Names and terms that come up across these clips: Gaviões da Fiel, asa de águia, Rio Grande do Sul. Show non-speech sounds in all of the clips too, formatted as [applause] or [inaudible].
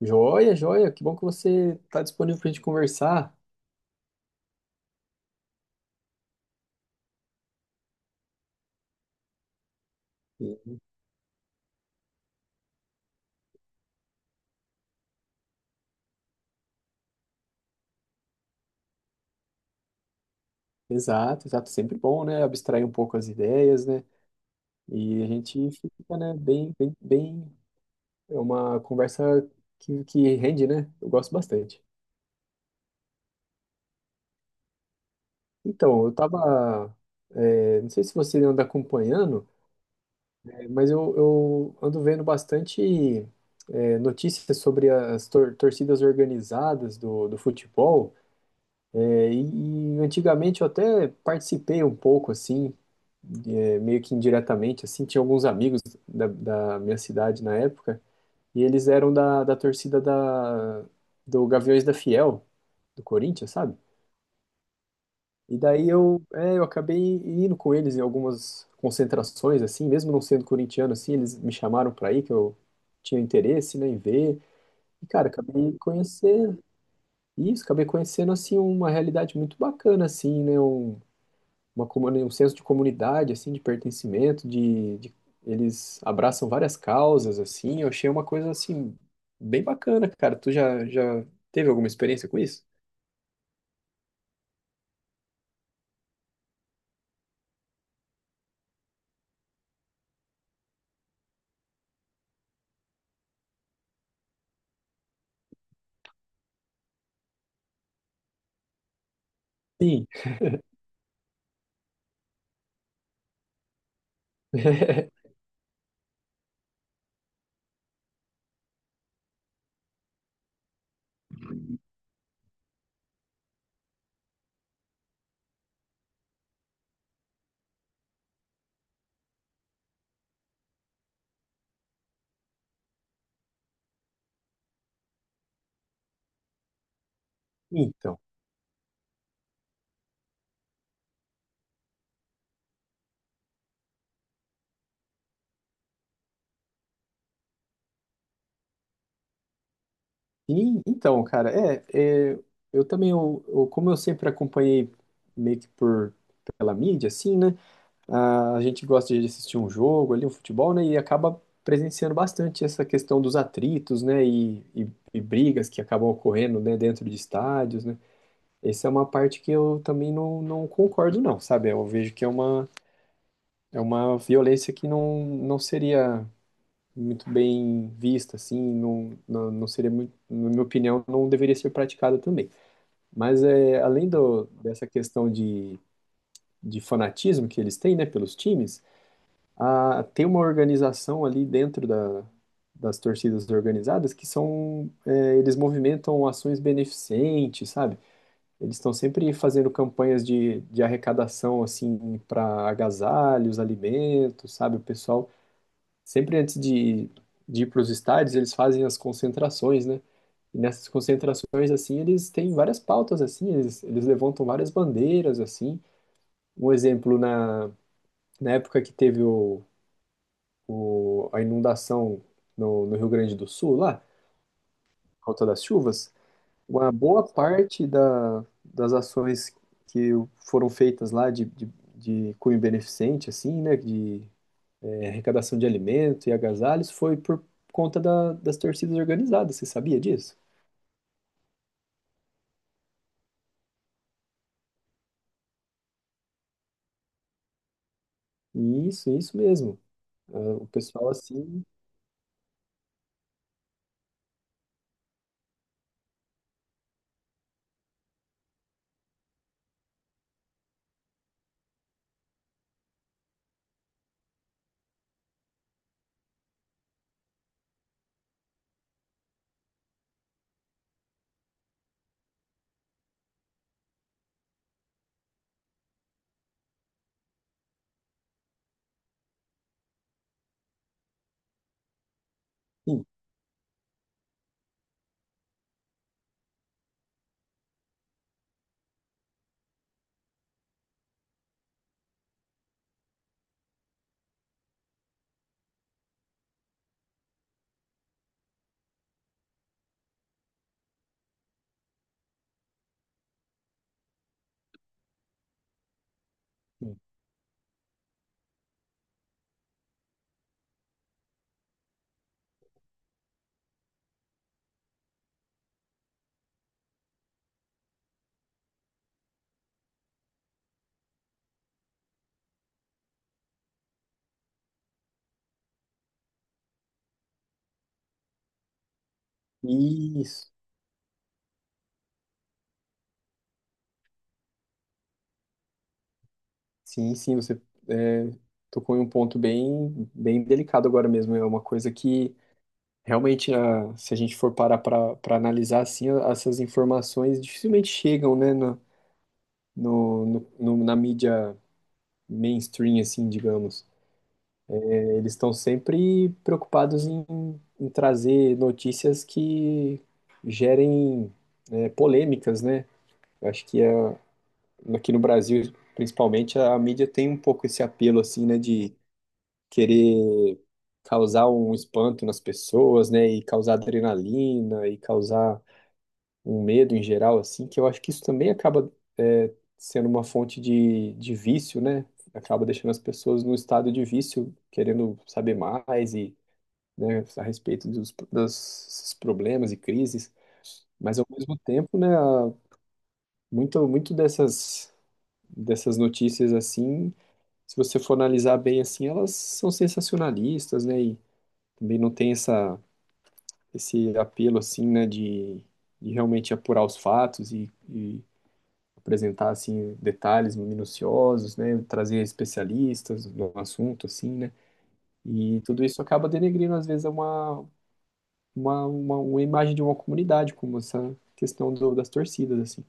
Joia, joia, que bom que você está disponível para a gente conversar. E- Exato, exato, sempre bom, né? Abstrair um pouco as ideias, né? E a gente fica, né, bem, é uma conversa que rende, né? Eu gosto bastante. Então, eu tava, não sei se você anda acompanhando, mas eu ando vendo bastante, notícias sobre as torcidas organizadas do futebol. E antigamente eu até participei um pouco, assim, meio que indiretamente, assim, tinha alguns amigos da minha cidade na época, e eles eram da torcida do Gaviões da Fiel, do Corinthians, sabe? E daí eu acabei indo com eles em algumas concentrações, assim, mesmo não sendo corintiano, assim, eles me chamaram pra ir, que eu tinha interesse, né, em ver, e, cara, acabei conhecendo, isso, acabei conhecendo, assim, uma realidade muito bacana, assim, né, uma um senso de comunidade, assim, de pertencimento, eles abraçam várias causas, assim. Eu achei uma coisa assim bem bacana, cara. Tu já teve alguma experiência com isso? Sim. [laughs] Então, sim, então, cara, é, eu também, como eu sempre acompanhei meio que por pela mídia, assim, né? Ah, a gente gosta de assistir um jogo ali, um futebol, né? E acaba presenciando bastante essa questão dos atritos, né? E brigas que acabam ocorrendo, né? Dentro de estádios, né? Essa é uma parte que eu também não concordo, não, sabe? Eu vejo que é uma violência que não seria muito bem vista, assim, não seria muito, na minha opinião, não deveria ser praticada também. Mas além dessa questão de fanatismo que eles têm, né, pelos times, tem uma organização ali dentro das torcidas organizadas eles movimentam ações beneficentes, sabe? Eles estão sempre fazendo campanhas de arrecadação, assim, para agasalhos, alimentos, sabe? O pessoal, sempre antes de ir para os estádios, eles fazem as concentrações, né? E nessas concentrações, assim, eles têm várias pautas, assim, eles levantam várias bandeiras, assim. Um exemplo, na época que teve a inundação no Rio Grande do Sul, lá, por conta das chuvas, uma boa parte das ações que foram feitas lá de cunho beneficente, assim, né, de arrecadação de alimento e agasalhos, foi por conta das torcidas organizadas, você sabia disso? Isso mesmo. Ah, o pessoal, assim, sim, sim. Isso, sim, sim, você é, tocou em um ponto bem, bem delicado agora mesmo, é uma coisa que realmente, se a gente for parar para analisar assim, essas informações dificilmente chegam, né, na mídia mainstream, assim, digamos. Eles estão sempre preocupados em trazer notícias que gerem, polêmicas, né? Eu acho que aqui no Brasil, principalmente, a mídia tem um pouco esse apelo, assim, né, de querer causar um espanto nas pessoas, né, e causar adrenalina, e causar um medo em geral, assim, que eu acho que isso também acaba sendo uma fonte de vício, né? Acaba deixando as pessoas num estado de vício, querendo saber mais e, né, a respeito dos problemas e crises. Mas ao mesmo tempo, né, muito, muito dessas notícias assim, se você for analisar bem assim, elas são sensacionalistas, né, e também não tem esse apelo assim, né, de realmente apurar os fatos e apresentar assim detalhes minuciosos, né, trazer especialistas no assunto assim, né? E tudo isso acaba denegrindo às vezes uma imagem de uma comunidade como essa questão das torcidas assim.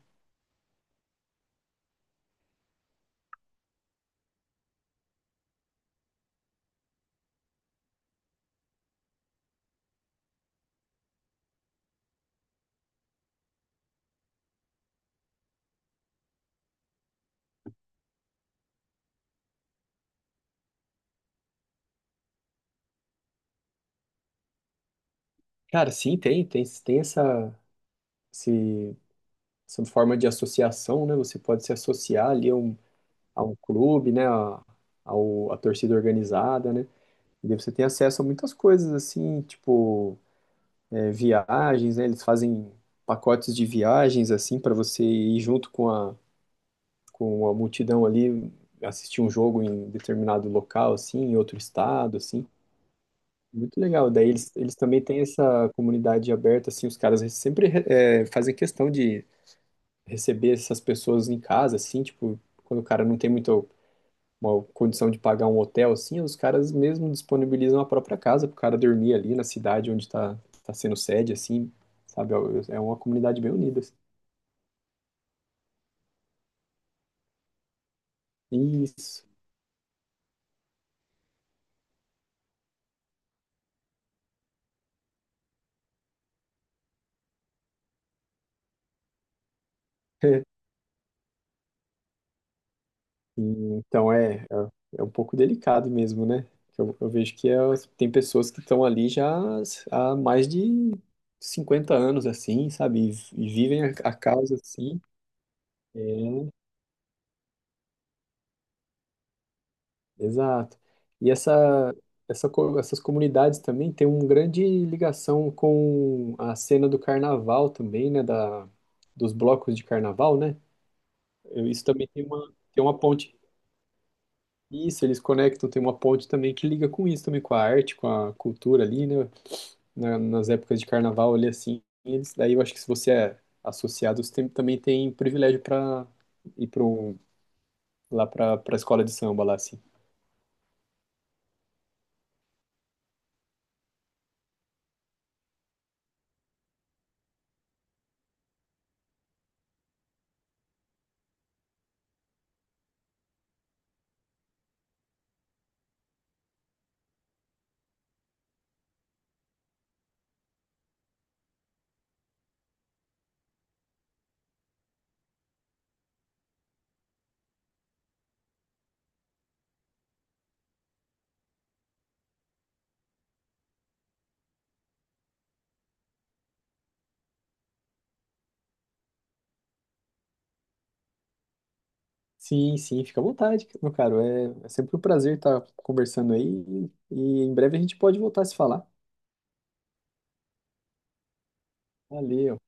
Cara, sim, tem esse, essa forma de associação, né? Você pode se associar ali a um clube, né, a torcida organizada, né? E daí você tem acesso a muitas coisas assim, tipo viagens, né? Eles fazem pacotes de viagens assim para você ir junto com a multidão ali assistir um jogo em determinado local, assim, em outro estado, assim. Muito legal. Daí eles também têm essa comunidade aberta, assim, os caras sempre fazem questão de receber essas pessoas em casa, assim, tipo, quando o cara não tem muita uma condição de pagar um hotel, assim, os caras mesmo disponibilizam a própria casa pro cara dormir ali na cidade onde tá sendo sede, assim, sabe? É uma comunidade bem unida, assim. Isso. [laughs] Então é um pouco delicado mesmo, né? Eu vejo que tem pessoas que estão ali já há mais de 50 anos, assim, sabe? E vivem a causa assim. É, exato. E essas comunidades também têm uma grande ligação com a cena do carnaval também, né? Dos blocos de carnaval, né? Isso também tem uma ponte. Isso, eles conectam, tem uma ponte também que liga com isso também, com a arte, com a cultura ali, né? Nas épocas de carnaval ali, assim, daí eu acho que se você é associado, você também tem privilégio para ir lá para a escola de samba lá, assim. Sim, sim, fica à vontade, meu caro. É sempre um prazer estar conversando aí e em breve a gente pode voltar a se falar. Valeu.